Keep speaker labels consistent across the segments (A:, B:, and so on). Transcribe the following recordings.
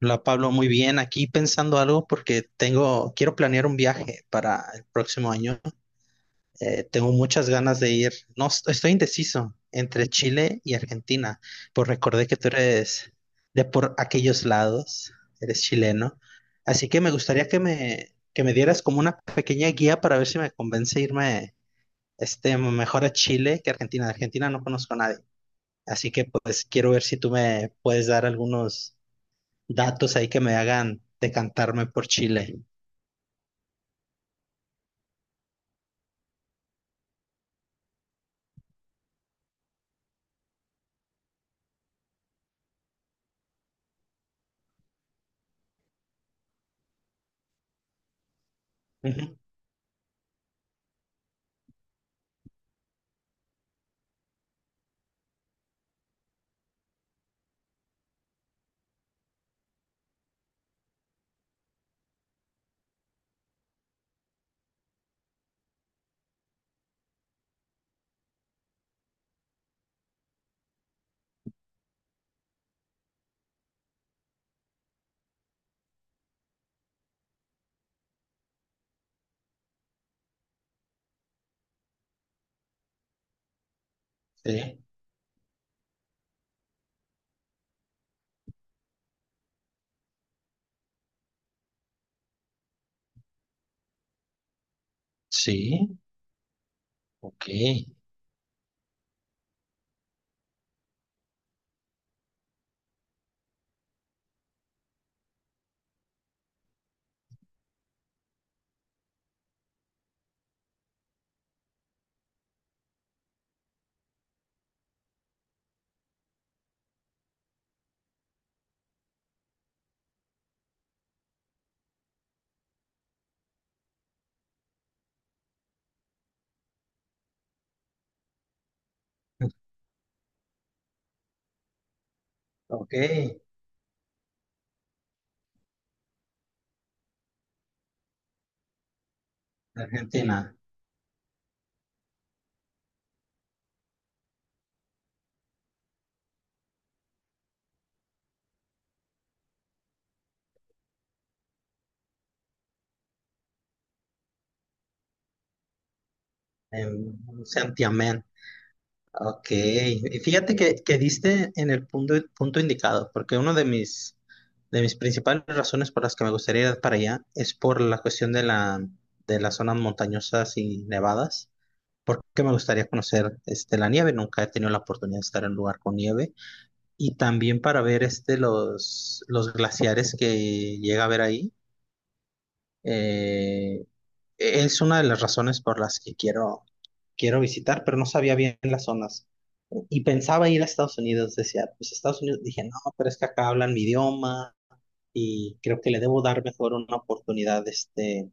A: Hola Pablo, muy bien. Aquí pensando algo porque quiero planear un viaje para el próximo año. Tengo muchas ganas de ir. No, estoy indeciso entre Chile y Argentina, pues recordé que tú eres de por aquellos lados, eres chileno. Así que me gustaría que me dieras como una pequeña guía para ver si me convence irme mejor a Chile que a Argentina. De Argentina no conozco a nadie. Así que pues quiero ver si tú me puedes dar algunos datos ahí que me hagan decantarme por Chile. Ujú. Sí, sí. Ok. Ok. Argentina. En Santiamén. Ok. Y fíjate que diste en el punto, punto indicado, porque uno de mis principales razones por las que me gustaría ir para allá es por la cuestión de las zonas montañosas y nevadas, porque me gustaría conocer la nieve, nunca he tenido la oportunidad de estar en un lugar con nieve. Y también para ver los glaciares que llega a ver ahí. Eh, es una de las razones por las que quiero visitar, pero no sabía bien las zonas. Y pensaba ir a Estados Unidos, decía, pues Estados Unidos, dije, no, pero es que acá hablan mi idioma y creo que le debo dar mejor una oportunidad este,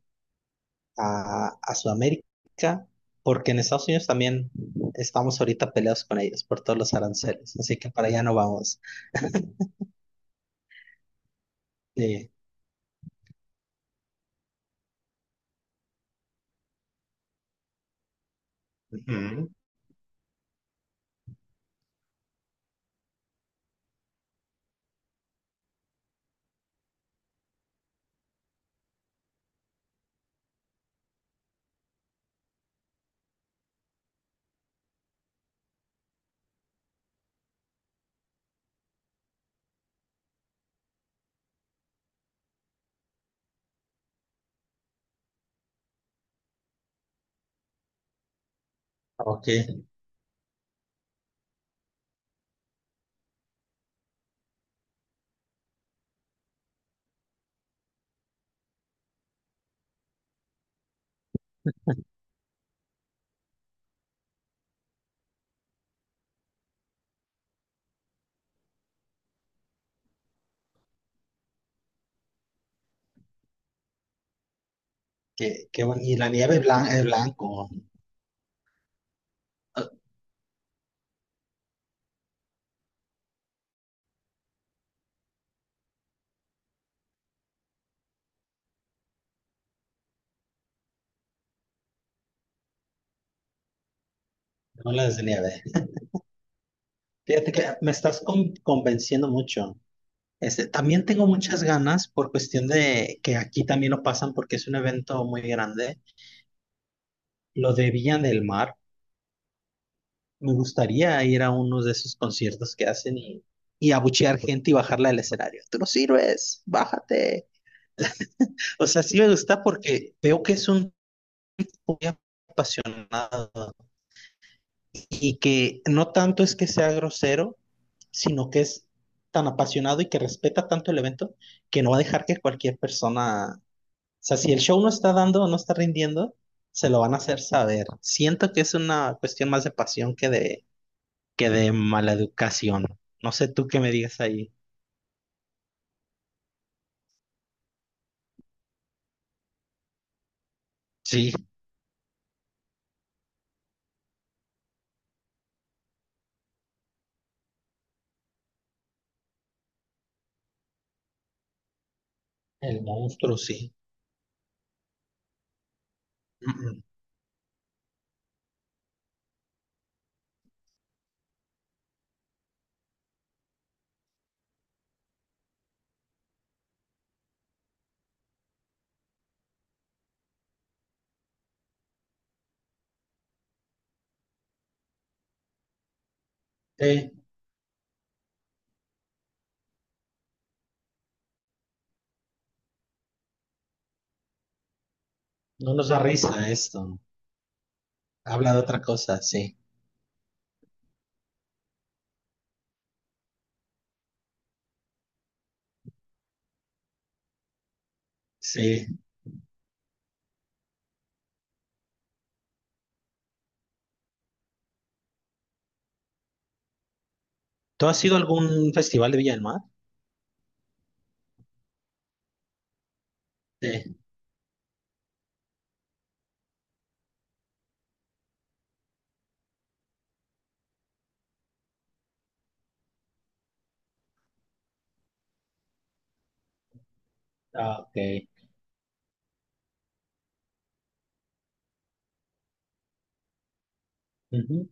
A: a, a Sudamérica, porque en Estados Unidos también estamos ahorita peleados con ellos por todos los aranceles, así que para allá no vamos. Eh, Ujú. Ok. Y la nieve blanca es blanco. Ah. Bolas de nieve. Fíjate que me estás convenciendo mucho. Este, también tengo muchas ganas por cuestión de que aquí también lo pasan porque es un evento muy grande, lo de Villa del Mar. Me gustaría ir a uno de esos conciertos que hacen y abuchear gente y bajarla del escenario. Tú no sirves, bájate. O sea, sí me gusta porque veo que es un muy apasionado. Y que no tanto es que sea grosero, sino que es tan apasionado y que respeta tanto el evento que no va a dejar que cualquier persona, o sea, si el show no está dando o no está rindiendo, se lo van a hacer saber. Siento que es una cuestión más de pasión que de mala educación. No sé tú qué me digas ahí. Sí, el monstruo, sí. Mm, mm. Sí, no nos da risa esto. Habla de otra cosa, sí. Sí. ¿Tú has ido a algún festival de Villa del Mar? Sí. Ah, ok. Ujú.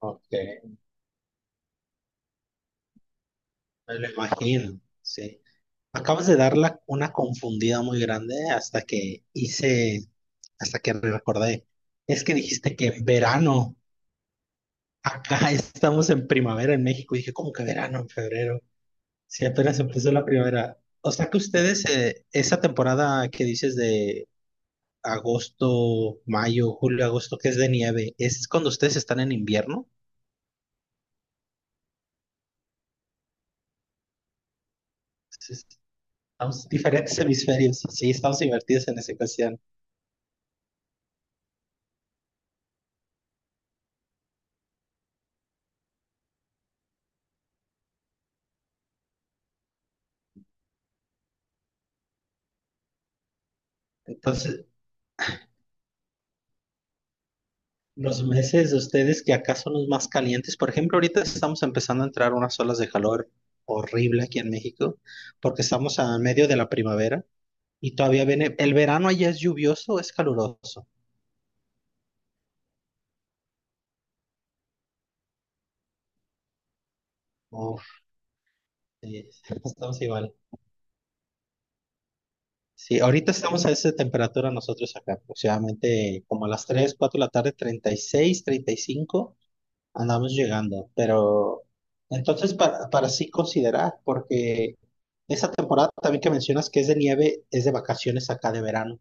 A: Ok, me lo imagino, sí. Acabas de dar una confundida muy grande hasta que recordé. Es que dijiste que verano, acá estamos en primavera en México, y dije, ¿cómo que verano en febrero? Si apenas empezó la primavera. O sea que ustedes, esa temporada que dices de agosto, mayo, julio, agosto, que es de nieve, ¿es cuando ustedes están en invierno? Entonces, estamos en diferentes hemisferios, sí, estamos divertidos en esa cuestión. Entonces, los meses de ustedes que acá son los más calientes. Por ejemplo, ahorita estamos empezando a entrar unas olas de calor horrible aquí en México, porque estamos a medio de la primavera y todavía viene. ¿El verano allá es lluvioso o es caluroso? Uf, sí, estamos igual. Sí, ahorita estamos a esa temperatura nosotros acá, aproximadamente como a las 3, 4 de la tarde, 36, 35. Andamos llegando, pero entonces para sí considerar, porque esa temporada también que mencionas que es de nieve, es de vacaciones acá de verano.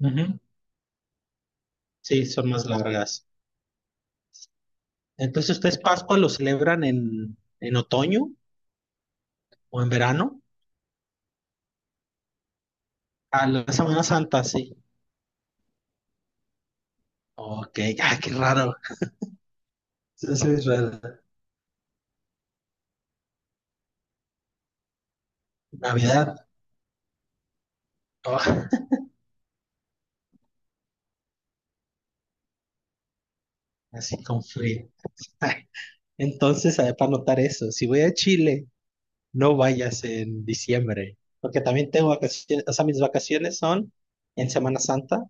A: Ujú. Sí, son más largas. Entonces, ¿ustedes Pascua lo celebran en otoño o en verano? A la Semana Santa, sí. Ok. Ah, qué raro. Sí, sí, es raro. Navidad. Oh, así con frío. Entonces, para notar eso, si voy a Chile no vayas en diciembre, porque también tengo vacaciones, o sea, mis vacaciones son en Semana Santa,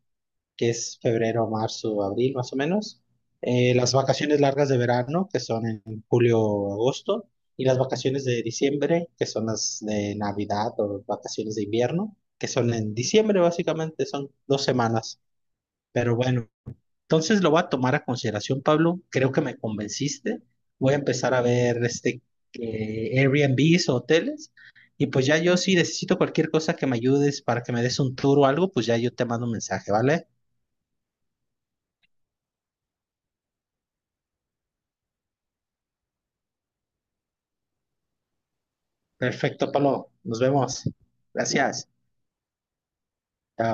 A: que es febrero, marzo, abril, más o menos. Las vacaciones largas de verano, que son en julio, agosto, y las vacaciones de diciembre, que son las de Navidad o vacaciones de invierno, que son en diciembre, básicamente, son 2 semanas. Pero bueno. Entonces lo voy a tomar a consideración, Pablo. Creo que me convenciste. Voy a empezar a ver Airbnbs o hoteles. Y pues ya yo si necesito cualquier cosa que me ayudes para que me des un tour o algo, pues ya yo te mando un mensaje, ¿vale? Perfecto, Pablo. Nos vemos. Gracias. Chao.